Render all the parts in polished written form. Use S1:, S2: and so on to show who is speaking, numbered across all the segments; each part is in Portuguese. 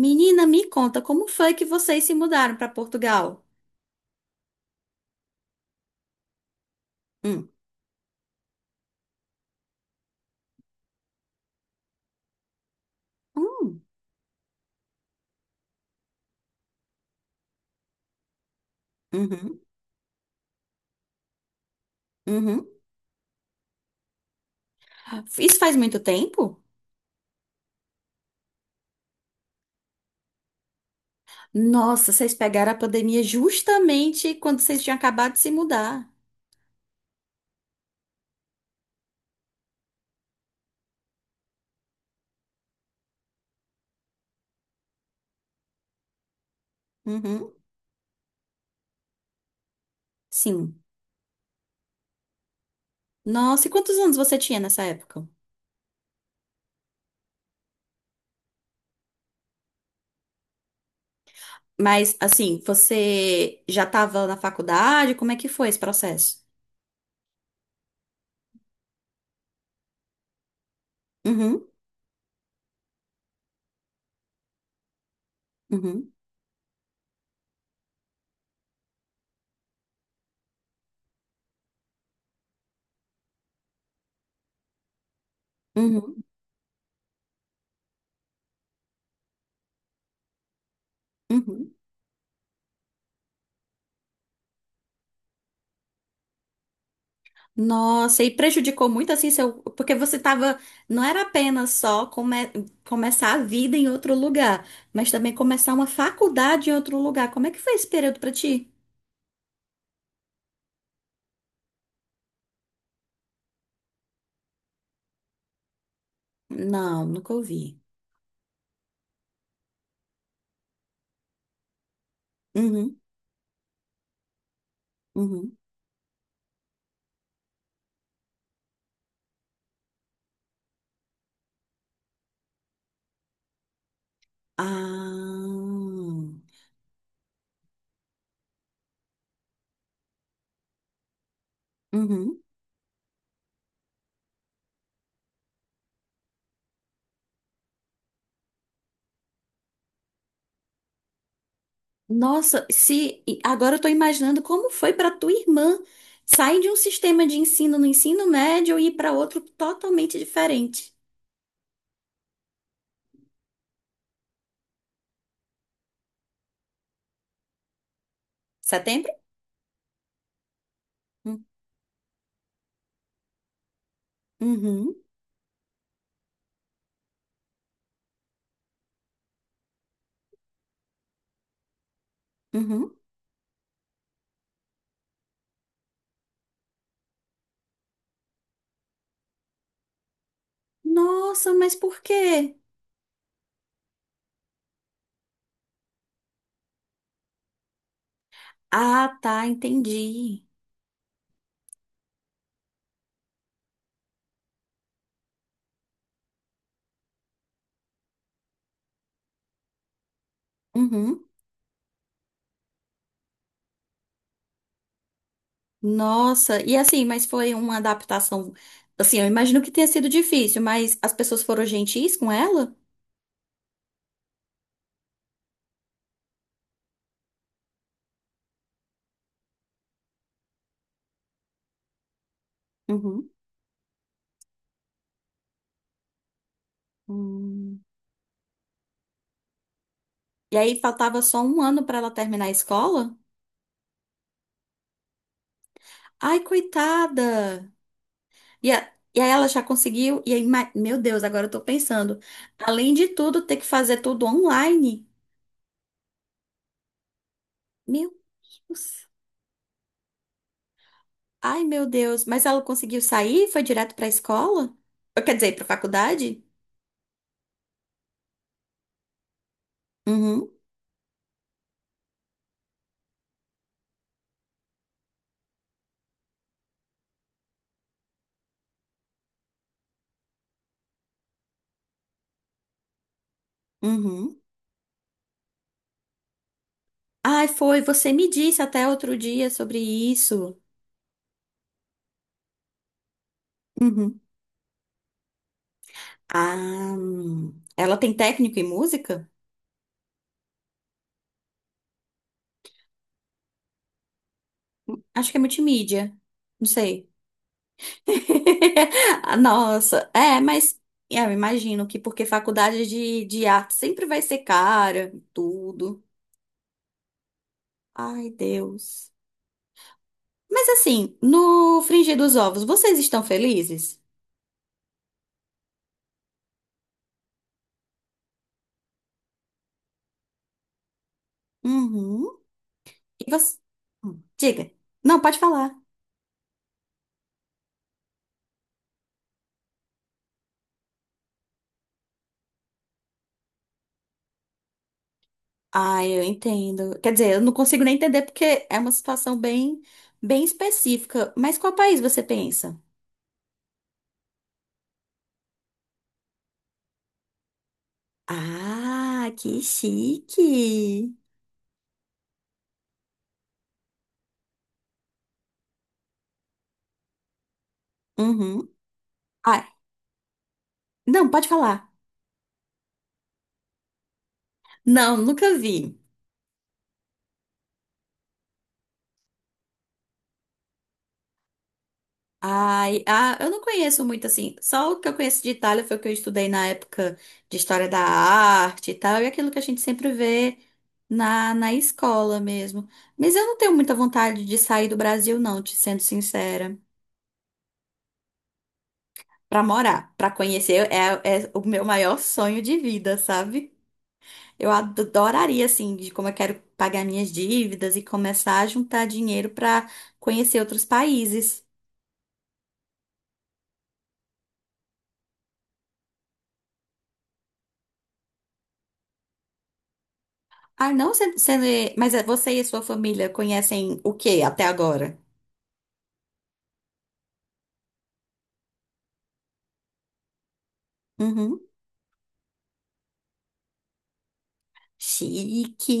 S1: Menina, me conta, como foi que vocês se mudaram para Portugal? Hum. Hum. Uhum. Uhum. Isso faz muito tempo? Nossa, vocês pegaram a pandemia justamente quando vocês tinham acabado de se mudar. Uhum. Sim. Nossa, e quantos anos você tinha nessa época? Mas, assim, você já estava na faculdade? Como é que foi esse processo? Uhum. Uhum. Uhum. Uhum. Nossa, e prejudicou muito assim seu. Porque você tava. Não era apenas só começar a vida em outro lugar, mas também começar uma faculdade em outro lugar. Como é que foi esse período pra ti? Não, nunca ouvi. Uhum, uhum. Ah. Uhum. Nossa, se e agora eu tô imaginando como foi para tua irmã sair de um sistema de ensino no ensino médio e ir para outro totalmente diferente. Setembro? Hum. Uhum, uhum. Nossa, mas por quê? Ah, tá, entendi. Uhum. Nossa, e assim, mas foi uma adaptação. Assim, eu imagino que tenha sido difícil, mas as pessoas foram gentis com ela? Uhum. Hum. E aí faltava só um ano pra ela terminar a escola? Ai, coitada! E, e aí ela já conseguiu, e aí, meu Deus, agora eu tô pensando, além de tudo, ter que fazer tudo online. Meu Deus. Ai, meu Deus. Mas ela conseguiu sair? Foi direto pra escola? Ou, quer dizer, pra faculdade? Uhum, uhum. Ai, foi. Você me disse até outro dia sobre isso. Uhum. Ah. Ela tem técnico em música? Acho que é multimídia. Não sei. Ah, nossa, é, mas é, eu imagino que porque faculdade de arte sempre vai ser cara, tudo. Ai, Deus. Mas assim, no frigir dos ovos, vocês estão felizes? Uhum. E você? Diga. Não, pode falar. Ah, eu entendo. Quer dizer, eu não consigo nem entender porque é uma situação bem, bem específica. Mas qual país você pensa? Ah, que chique. Uhum. Ah, não, pode falar. Não, nunca vi. Ai, ah, eu não conheço muito assim. Só o que eu conheço de Itália foi o que eu estudei na época de história da arte e tal, e aquilo que a gente sempre vê na, na escola mesmo. Mas eu não tenho muita vontade de sair do Brasil, não, te sendo sincera. Pra morar, pra conhecer, é, é o meu maior sonho de vida, sabe? Eu adoraria, assim, de como eu quero pagar minhas dívidas e começar a juntar dinheiro pra conhecer outros países. Ah, não, você, mas é, você e a sua família conhecem o que até agora? Uhum. Chique.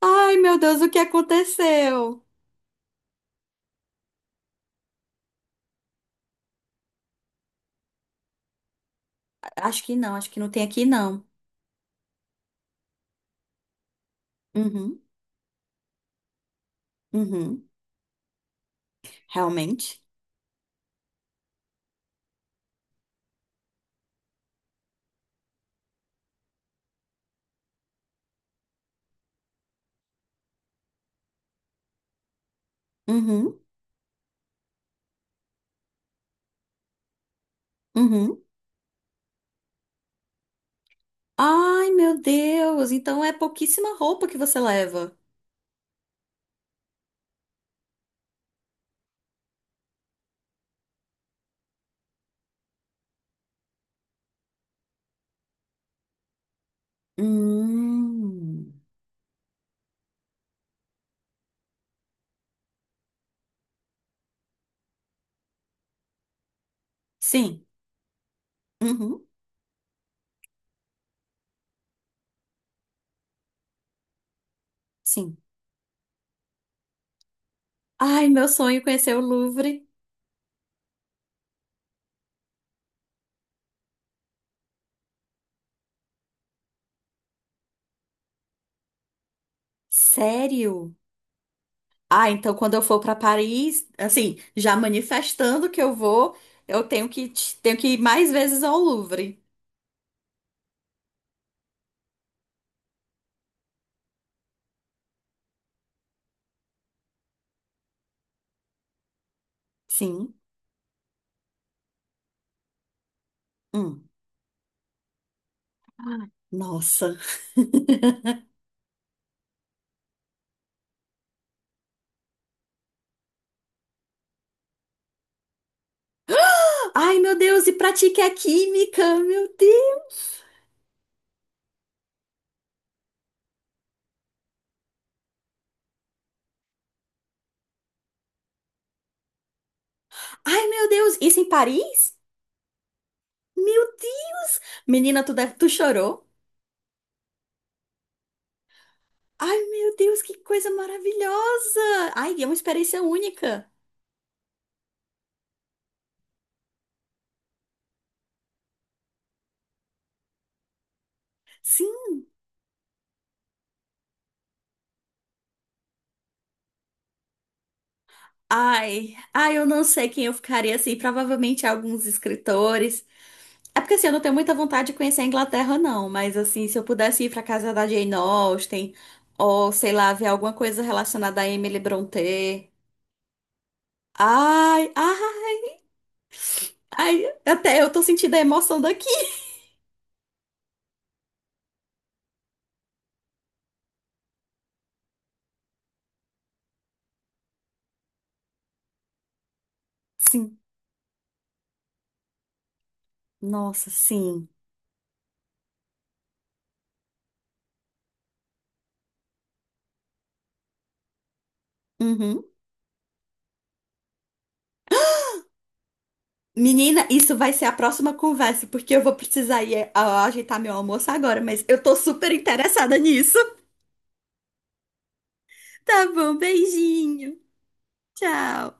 S1: Ai, meu Deus, o que aconteceu? Acho que não tem aqui, não. Uhum, uhum. Realmente? Uhum, uhum. Ai, meu Deus, então é pouquíssima roupa que você leva. Hum. Sim, uhum, sim. Ai, meu sonho é conhecer o Louvre. Sério? Ah, então quando eu for para Paris, assim, já manifestando que eu vou, eu tenho que ir mais vezes ao Louvre. Sim. Hum. Ah. Nossa. Ai, meu Deus, e pratique a química, meu Deus. Ai, meu Deus, isso em Paris? Meu Deus. Menina, tu deve, tu chorou? Ai, meu Deus, que coisa maravilhosa. Ai, é uma experiência única. Sim. Ai, ai, eu não sei quem eu ficaria assim, provavelmente alguns escritores. É porque assim, eu não tenho muita vontade de conhecer a Inglaterra, não. Mas assim, se eu pudesse ir pra casa da Jane Austen, ou sei lá, ver alguma coisa relacionada a Emily Brontë. Ai, ah, ai, até eu tô sentindo a emoção daqui. Sim, nossa, sim. Uhum. Menina, isso vai ser a próxima conversa, porque eu vou precisar ir ajeitar meu almoço agora, mas eu tô super interessada nisso. Tá bom, beijinho. Tchau.